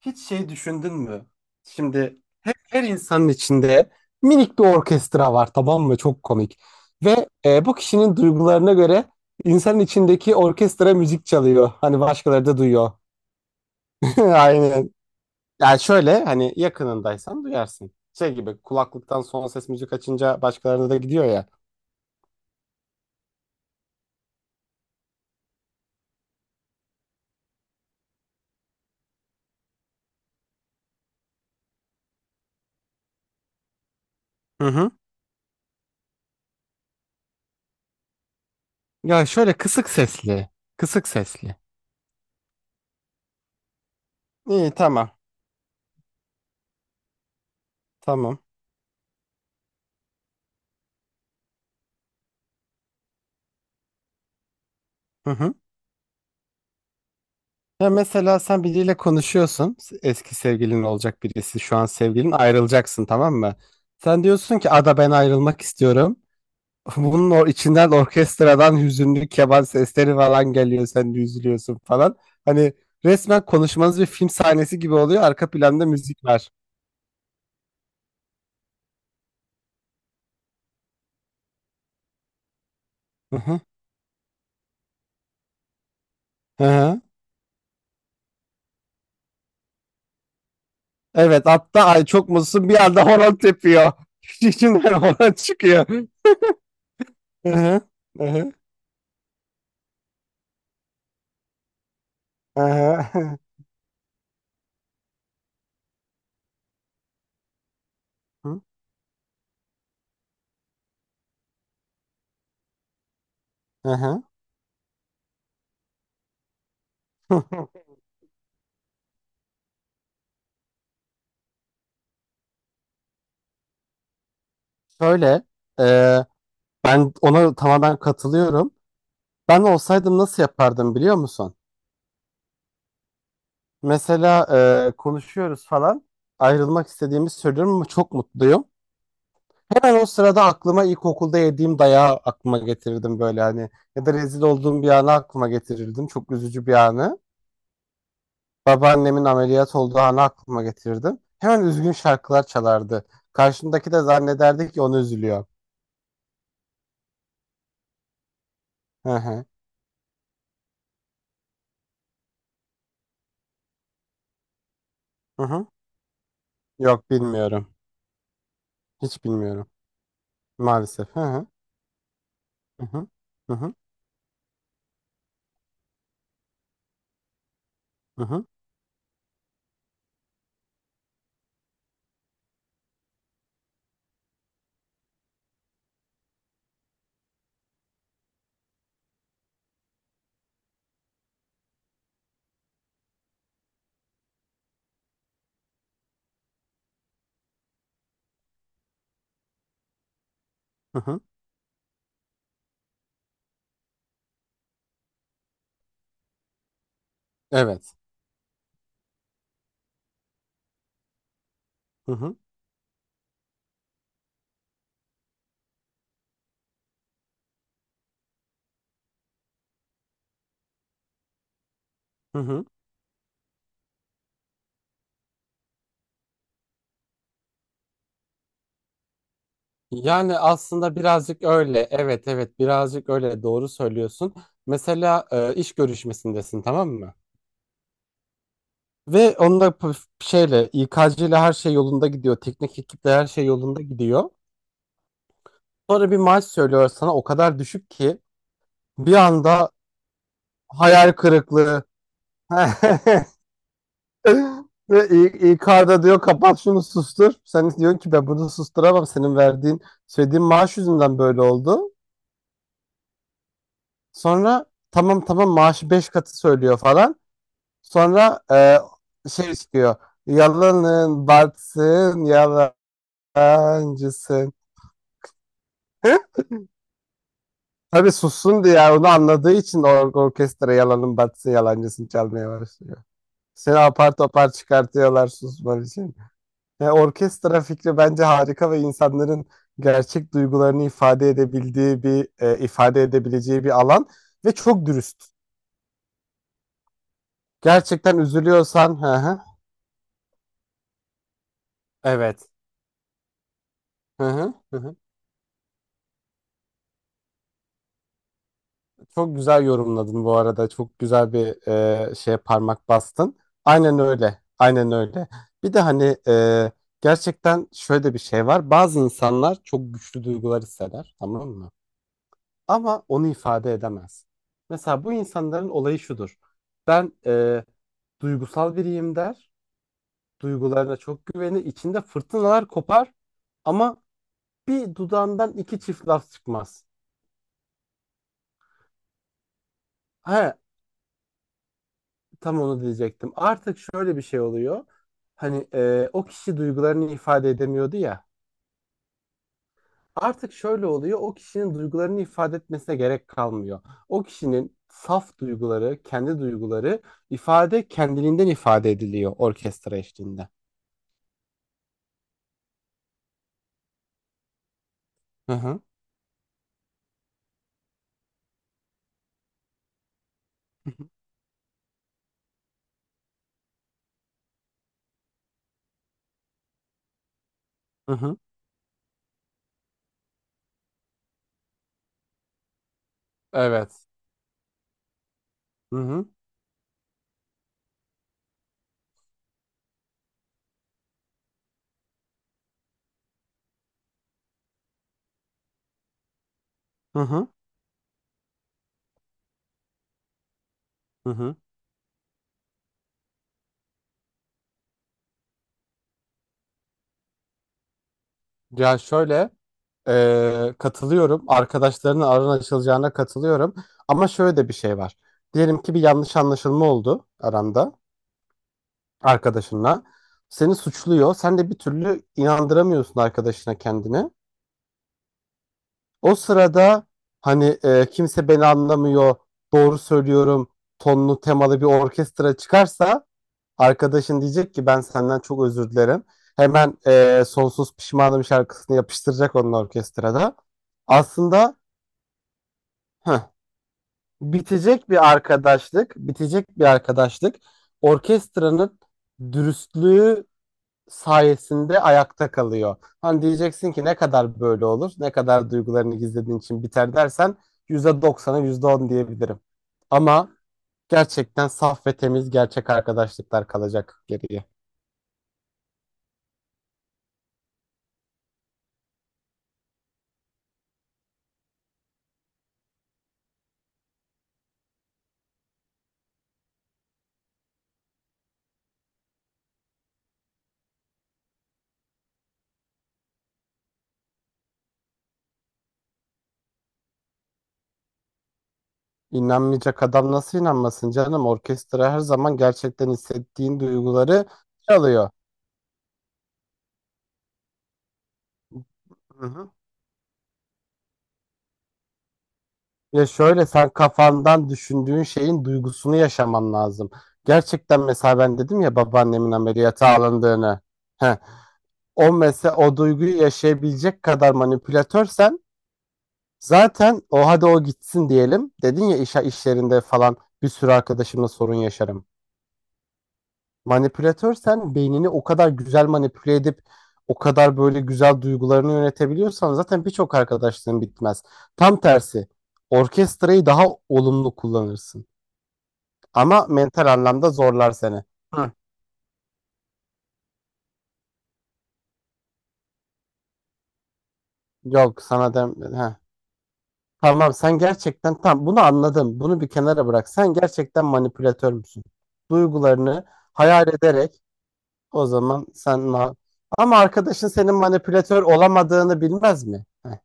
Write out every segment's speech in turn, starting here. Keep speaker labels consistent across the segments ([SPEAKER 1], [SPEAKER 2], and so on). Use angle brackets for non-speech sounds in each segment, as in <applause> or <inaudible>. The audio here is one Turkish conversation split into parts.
[SPEAKER 1] Hiç şey düşündün mü? Şimdi her insanın içinde minik bir orkestra var, tamam mı? Çok komik. Ve bu kişinin duygularına göre insanın içindeki orkestra müzik çalıyor. Hani başkaları da duyuyor. <laughs> Aynen. Yani şöyle, hani yakınındaysan duyarsın. Şey gibi, kulaklıktan son ses müzik açınca başkalarına da gidiyor ya. Hı hı. Ya şöyle kısık sesli. Kısık sesli. İyi, tamam. Tamam. Hı hı. Ya mesela sen biriyle konuşuyorsun. Eski sevgilin olacak birisi. Şu an sevgilin, ayrılacaksın, tamam mı? Sen diyorsun ki, Ada ben ayrılmak istiyorum. <laughs> Bunun o içinden, orkestradan hüzünlü keman sesleri falan geliyor. Sen de üzülüyorsun falan. Hani resmen konuşmanız bir film sahnesi gibi oluyor. Arka planda müzik var. Hı hı. Hı hı. Evet, hatta ay çok mutsuzsun, bir anda horon tepiyor. <laughs> İçinden horon çıkıyor. Hı hı. Hı hı. Hı hı. Hı hı. <laughs> Şöyle, e, ben ona tamamen katılıyorum. Ben olsaydım nasıl yapardım, biliyor musun? Mesela konuşuyoruz falan, ayrılmak istediğimi söylüyorum ama çok mutluyum. Hemen o sırada aklıma ilkokulda yediğim dayağı aklıma getirirdim böyle hani. Ya da rezil olduğum bir anı aklıma getirirdim. Çok üzücü bir anı. Babaannemin ameliyat olduğu anı aklıma getirirdim. Hemen üzgün şarkılar çalardı. Karşımdaki de zannederdi ki onu üzülüyor. Hı hı. Hı hı. Yok, bilmiyorum. Hiç bilmiyorum. Maalesef. Hı hı. Hı hı. Hı hı. Hı hı. Hı hı. Evet. Hı hı. Hı hı. Yani aslında birazcık öyle. Evet evet, birazcık öyle, doğru söylüyorsun. Mesela iş görüşmesindesin, tamam mı? Ve onda p- şeyle İK'cı ile her şey yolunda gidiyor. Teknik ekiple her şey yolunda gidiyor. Sonra bir maaş söylüyor sana, o kadar düşük ki bir anda hayal kırıklığı. <laughs> <laughs> Ve İK'da diyor, kapat şunu, sustur. Sen diyorsun ki ben bunu susturamam. Senin verdiğin, söylediğin maaş yüzünden böyle oldu. Sonra tamam tamam, maaşı 5 katı söylüyor falan. Sonra şey çıkıyor. Yalanın batsın, yalancısın. <laughs> Tabii sussun diye, yani onu anladığı için orkestra yalanın batsın yalancısın çalmaya başlıyor. Seni apar topar çıkartıyorlar, susman için. Ya orkestra fikri bence harika ve insanların gerçek duygularını ifade edebileceği bir alan ve çok dürüst. Gerçekten üzülüyorsan, hı hı, evet. Hı hı, hı hı. Çok güzel yorumladın bu arada. Çok güzel bir şeye parmak bastın. Aynen öyle. Aynen öyle. Bir de hani gerçekten şöyle bir şey var. Bazı insanlar çok güçlü duygular hisseder, tamam mı? Ama onu ifade edemez. Mesela bu insanların olayı şudur. Ben duygusal biriyim der. Duygularına çok güvenir. İçinde fırtınalar kopar. Ama bir dudağından iki çift laf çıkmaz. He, tam onu diyecektim. Artık şöyle bir şey oluyor. Hani o kişi duygularını ifade edemiyordu ya. Artık şöyle oluyor, o kişinin duygularını ifade etmesine gerek kalmıyor. O kişinin saf duyguları, kendi duyguları kendiliğinden ifade ediliyor orkestra eşliğinde. Hı hı. Hı hı. Evet. Hı hı. Hı hı. Hı hı. Ya şöyle katılıyorum. Arkadaşlarının aran açılacağına katılıyorum. Ama şöyle de bir şey var. Diyelim ki bir yanlış anlaşılma oldu aranda, arkadaşınla. Seni suçluyor. Sen de bir türlü inandıramıyorsun arkadaşına kendini. O sırada hani kimse beni anlamıyor, doğru söylüyorum tonlu temalı bir orkestra çıkarsa, arkadaşın diyecek ki ben senden çok özür dilerim. Hemen Sonsuz Pişmanım şarkısını yapıştıracak onun orkestrada. Aslında heh, bitecek bir arkadaşlık, bitecek bir arkadaşlık orkestranın dürüstlüğü sayesinde ayakta kalıyor. Hani diyeceksin ki ne kadar böyle olur, ne kadar duygularını gizlediğin için biter dersen, %90'a %10 diyebilirim. Ama gerçekten saf ve temiz gerçek arkadaşlıklar kalacak geriye. İnanmayacak adam nasıl inanmasın canım? Orkestra her zaman gerçekten hissettiğin duyguları çalıyor. Hı hı. Ya şöyle, sen kafandan düşündüğün şeyin duygusunu yaşaman lazım. Gerçekten mesela ben dedim ya babaannemin ameliyata alındığını. Heh. O mesela, o duyguyu yaşayabilecek kadar manipülatörsen zaten o, hadi o gitsin diyelim. Dedin ya, işlerinde falan bir sürü arkadaşımla sorun yaşarım. Manipülatörsen beynini o kadar güzel manipüle edip o kadar böyle güzel duygularını yönetebiliyorsan zaten birçok arkadaşlığın bitmez. Tam tersi orkestrayı daha olumlu kullanırsın. Ama mental anlamda zorlar seni. Hı. Yok sana dem Heh. Tamam, sen gerçekten, tam bunu anladım. Bunu bir kenara bırak. Sen gerçekten manipülatör müsün? Duygularını hayal ederek, o zaman sen ama arkadaşın senin manipülatör olamadığını bilmez mi? Heh.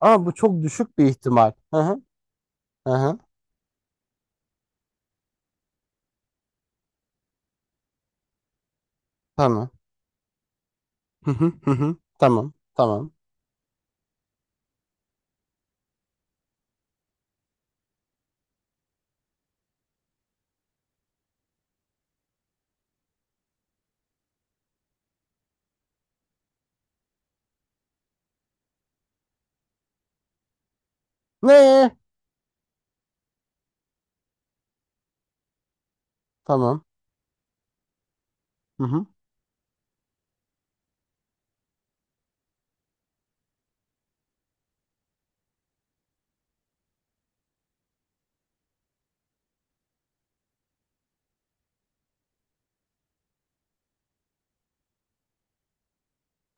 [SPEAKER 1] Ama bu çok düşük bir ihtimal. Hı hı. Hı hı. Tamam. Hı hı. Hı hı. Tamam. Tamam. Ne? Tamam. Hı hı.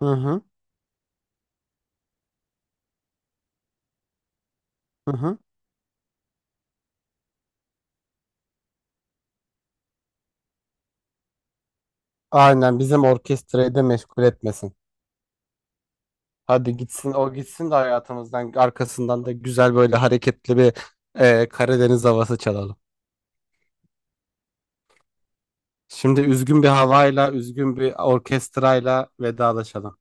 [SPEAKER 1] Hı hı. Hı hı. Aynen, bizim orkestrayı da meşgul etmesin. Hadi gitsin, o gitsin de hayatımızdan, arkasından da güzel böyle hareketli bir Karadeniz havası çalalım. Şimdi üzgün bir havayla, üzgün bir orkestrayla vedalaşalım.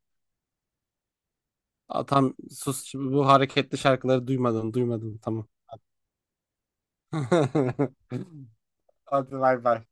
[SPEAKER 1] Aa, tam sus şimdi, bu hareketli şarkıları duymadın, duymadın, tamam. <laughs> Hadi bay bay.